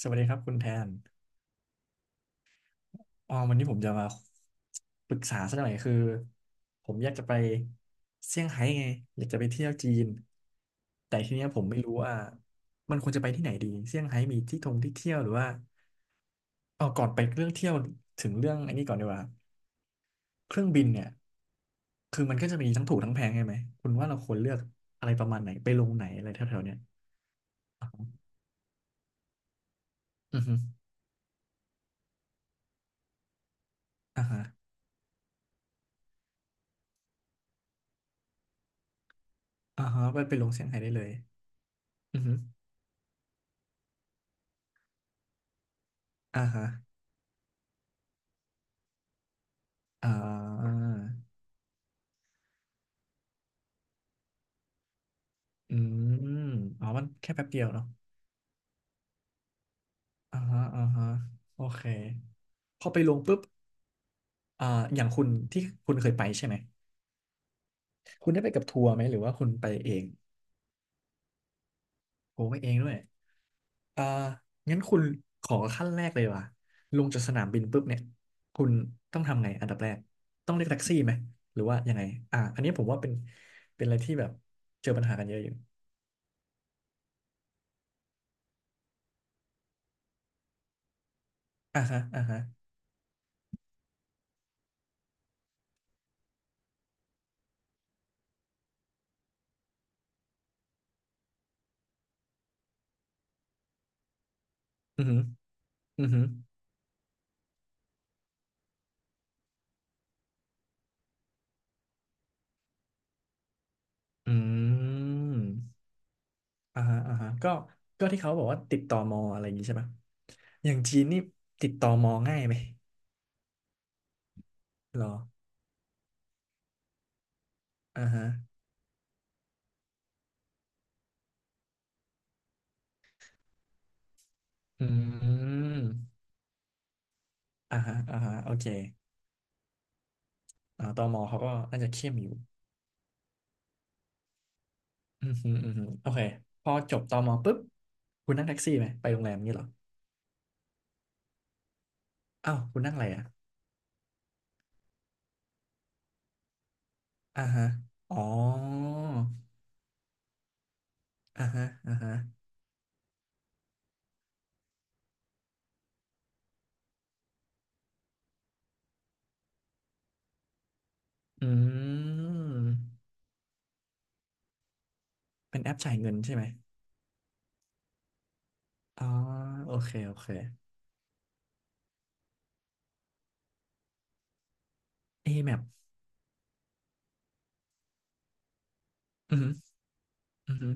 สวัสดีครับคุณแทนอ๋อวันนี้ผมจะมาปรึกษาสักหน่อยคือผมอยากจะไปเซี่ยงไฮ้ไงอยากจะไปเที่ยวจีนแต่ทีเนี้ยผมไม่รู้ว่ามันควรจะไปที่ไหนดีเซี่ยงไฮ้มีที่ท่องที่เที่ยวหรือว่าอ๋อาก่อนไปเรื่องเที่ยวถึงเรื่องอันนี้ก่อนดีกว่าเครื่องบินเนี่ยคือมันก็จะมีทั้งถูกทั้งแพงใช่ไหมคุณว่าเราควรเลือกอะไรประมาณไหนไปลงไหนอะไรแถวๆเนี้ยอ๋ออือฮึอ่าฮะอ่าฮะไปไปลงเซี่ยงไฮ้ได้เลยอือฮึอ่าฮะอ่า อืมอ๋อมันแค่แป๊บเดียวเนาะอ่าฮะอ่าฮะโอเคพอไปลงปุ๊บอ่าอย่างคุณที่คุณเคยไปใช่ไหมคุณได้ไปกับทัวร์ไหมหรือว่าคุณไปเองโอ้ไปเองด้วยอ่างั้นคุณขอขั้นแรกเลยดีกว่ะลงจากสนามบินปุ๊บเนี่ยคุณต้องทำไงอันดับแรกต้องเรียกแท็กซี่ไหมหรือว่ายังไงอ่าอันนี้ผมว่าเป็นอะไรที่แบบเจอปัญหากันเยอะอยู่อ่าฮะอ่าฮะอือฮึอือฮึอืม อ่าฮะอ่าฮะก็ที่เขาบอกว่าติดต่อมออะไรอย่างงี้ใช่ปะอย่างจีนนี่ติดต่อมอง่ายไหมหรออ่าฮะอืมอ่าฮะอ่าฮะโอเคอ่าตมเขาก็น่าจะเข้มอยู่อืมฮึอืมฮึโอเคพอจบตมปุ๊บคุณนั่งแท็กซี่ไหมไปโรงแรมนี่เหรออ้าวคุณนั่งอะไรอ่ะอ่าฮะอ๋ออ่าฮะอ่าฮะอืมเป็นแอปจ่ายเงินใช่ไหมอ๋อโอเคโอเค A map อืมอหืมออือหือ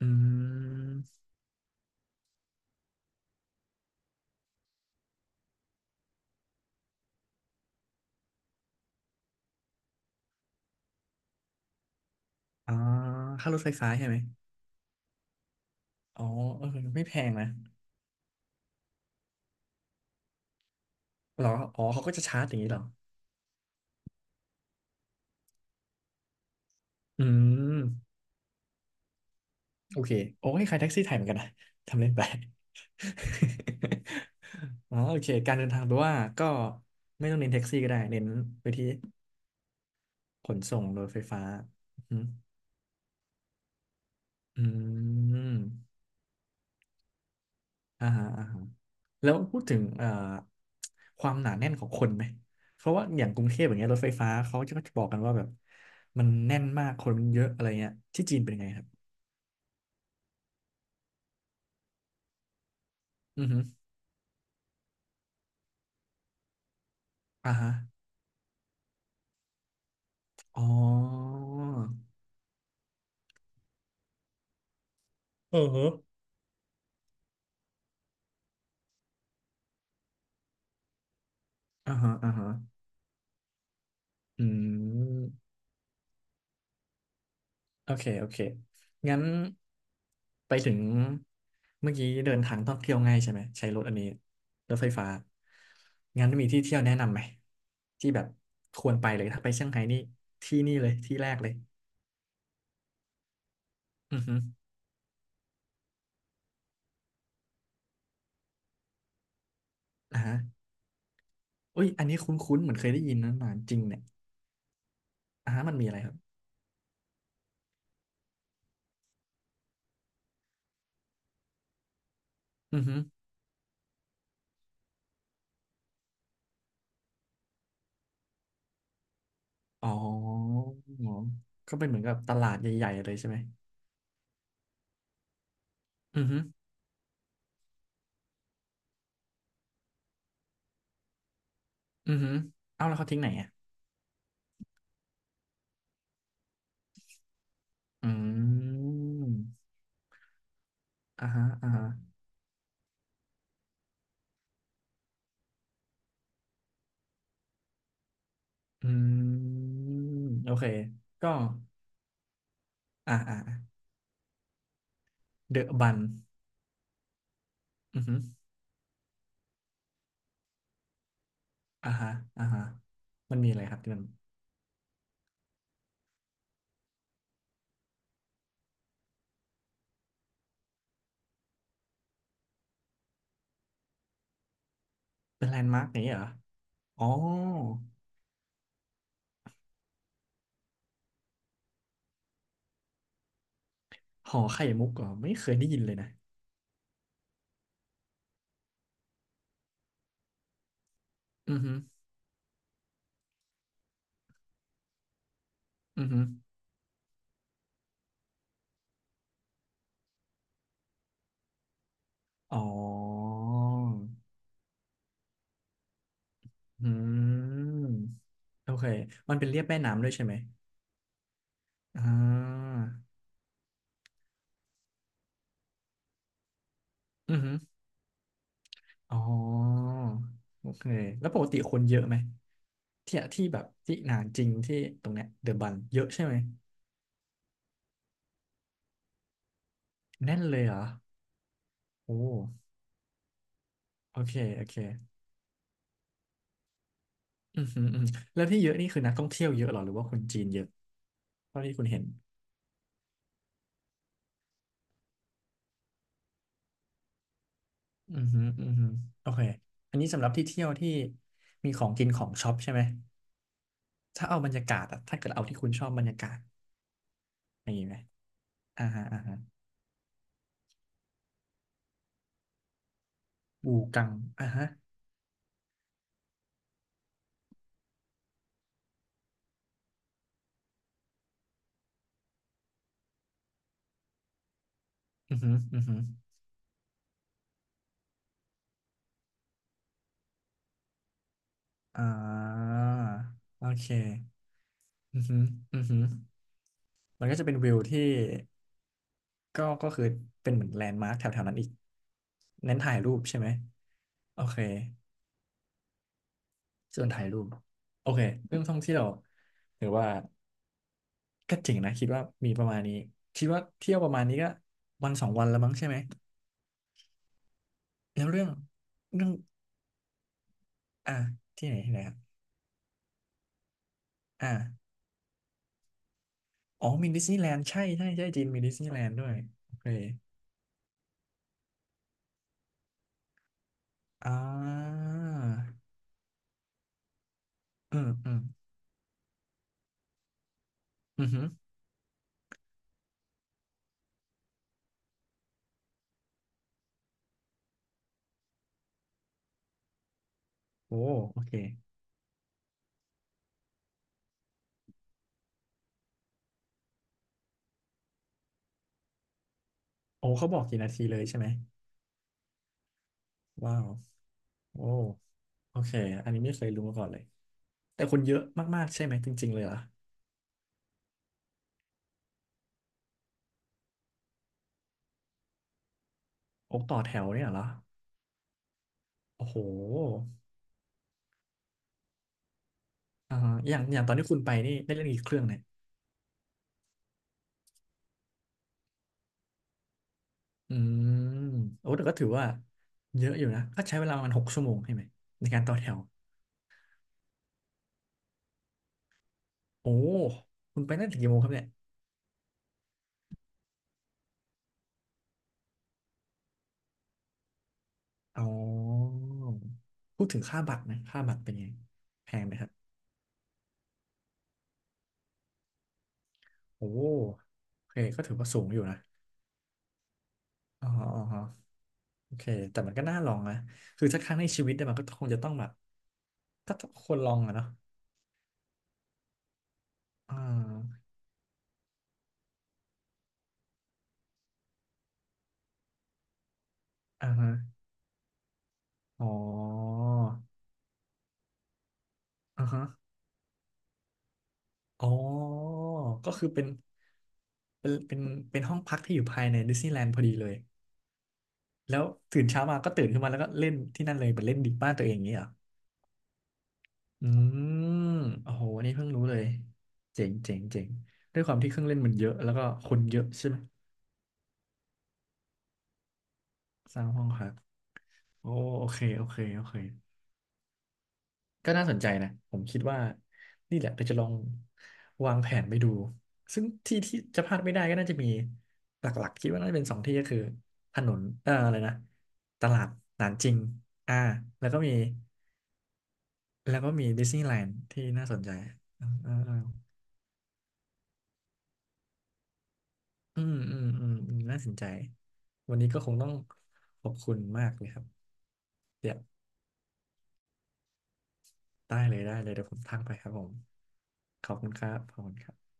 อืม อ๋อค่ารถไฟฟ้าใช่ไหมอ๋อเออไม่แพงนะเหรออ๋อ เขาก็จะชาร์จอย่างนี้เหรออืมโอเค โอ้ยใครแท็กซี่ไทยเหมือนกันนะ ทำเล่นไป อ๋อ โอเค การเดินทางแปลว่าก็ไม่ต้องเน้นแท็กซี่ก็ได้ เน้นไปที่ขนส่งรถไฟฟ้าอืมอหืออืมอ่าฮะอ่าฮะ แล้วพูดถึงความหนาแน่นของคนไหมเพราะว่าอย่างกรุงเทพอย่างเงี้ยรถไฟฟ้าเขาจะก็จะบอกกันว่าแบบมันแน่นมากคนมันเยอะอะไรเงี้ยที่จีนเป็นไงครับอือฮึอ่าฮะอ๋อเออฮะอ่าฮะอ่าฮะอืมโอเคโอเค งั้นไปถึงเมื่อกี้เดินทางท่องเที่ยวง่ายใช่ไหมใช้รถอันนี้รถไฟฟ้างั้นมีที่เที่ยวแนะนำไหมที่แบบควรไปเลยถ้าไปเซี่ยงไฮ้นี่ที่นี่เลยที่แรกเลย อือฮึอ่าฮะอุ้ยอันนี้คุ้นๆเหมือนเคยได้ยินนะหนานจริงเนี่ยอ่าฮะมันมีอะไรครับอือฮึอ๋อก็เป็นเหมือนกับตลาดใหญ่ๆเลยใช่ไหมอือฮึอือฮึเอ้าแล้วเขาทิ้งไหนอ่ะอืมอ่าฮะอ่าฮะอืมโอเคก็อ่าอ่าเดอะบันอือฮึอ่าฮะอ่าฮะมันมีอะไรครับที่มันเป็นแลนด์มาร์กนี้เหรออ๋อหอไข่มุกเหรอไม่เคยได้ยินเลยนะอือฮึอือฮึ อ๋ออืมโอเค มันเป็นเรียบแม่น้ำด้วยใช่ไหมอ่าอือฮึออ๋อโอเคแล้วปกติคนเยอะไหมที่ที่แบบที่หนานจริงที่ตรงเนี้ยเดอะบันเยอะใช่ไหมแน่นเลยเหรอโอ้โอเคโอเคอือฮึอือหึแล้วที่เยอะนี่คือนักท่องเที่ยวเยอะเหรอหรือว่าคนจีนเยอะเท่าที่คุณเห็นอือฮึอือฮึอโอเคอันนี้สำหรับที่เที่ยวที่มีของกินของช็อปใช่ไหม ถ้าเอาบรรยากาศอะถ้าเกิดเอาที่คุณชอบบรรยากาศอย่างนี้ไหมอ่าฮะอ่าฮะบูกังอ่าฮะอือฮึอือฮึอ่าโอเคอือฮึอือฮึมันก็จะเป็นวิวที่ก็ก็คือเป็นเหมือนแลนด์มาร์คแถวๆนั้นอีกเน้นถ่ายรูปใช่ไหมโอเคส่วนถ่ายรูปโอเคเรื่องท่องเที่ยวหรือว่าก็เจริงนะคิดว่ามีประมาณนี้คิดว่าเที่ยวประมาณนี้ก็วันสองวันละมั้งใช่ไหมแล้วเรื่องอ่ะที่ไหนครับ อ่าอ๋อมีดิสนีย์แลนด์ใช่ใช่ใช่จีนมีดิสนีย์แลนด์ด้วยโอเคอ่าอืมอืมอือหือโอ้โอเค โอ้เขาบอกกี่นาทีเลยใช่ไหมว้าวโอ้โอเค อันนี้ไม่เคยรู้มาก่อนเลยแต่คนเยอะมากๆใช่ไหมจริงๆเลยเหรอโอ้ต่อแถวเนี่ยเหรอ โอ้โหอ่าอย่างอย่างตอนที่คุณไปนี่ได้เล่นกี่เครื่องเนี่ยอืมโอ้แต่ก็ถือว่าเยอะอยู่นะก็ใช้เวลาประมาณ6 ชั่วโมงใช่ไหมในการต่อแถวโอ้คุณไปตั้งแต่กี่โมงครับเนี่ย อ๋อพูดถึงค่าบัตรนะค่าบัตรเป็นไงแพงไหมครับโอ้โอเคก็ถือว่าสูงอยู่นะอ๋ออ๋ออ๋อโอเคแต่มันก็น่าลองนะคือถ้าครั้งในชีวิตเนี่ยมันก็คงจะต้องแบบก็ต้องควรลองอะเนาะอ่าอ่าฮะอ๋ออ่าฮะอ๋อก็คือเป็นเป็นห้องพักที่อยู่ภายในดิสนีย์แลนด์พอดีเลยแล้วตื่นเช้ามาก็ตื่นขึ้นมาแล้วก็เล่นที่นั่นเลยเหมือนเล่นดิบบ้านตัวเองอย่างนี้เหรอ อืมโอ้โหอันนี้เพิ่งรู้เลยเจ๋งเจ๋งเจ๋งด้วยความที่เครื่องเล่นมันเยอะแล้วก็คนเยอะใช่ไหมสร้างห้องครับโอ้โอเคโอเคโอเคก็น่าสนใจนะผมคิดว่านี่แหละเราจะลองวางแผนไปดูซึ่งที่ที่จะพลาดไม่ได้ก็น่าจะมีหลักๆคิดว่าน่าจะเป็นสองที่ก็คือถนนอะไรนะตลาดหนานจริงอ่าแล้วก็มีแล้วก็มีดิสนีย์แลนด์ที่น่าสนใจอ่า อืมอืมอืมอืมน่าสนใจวันนี้ก็คงต้องขอบคุณมากเลยครับเดี๋ยวได้เลยได้เลยเดี๋ยวผมทักไปครับผมขอบคุณครับขอบคุณครับ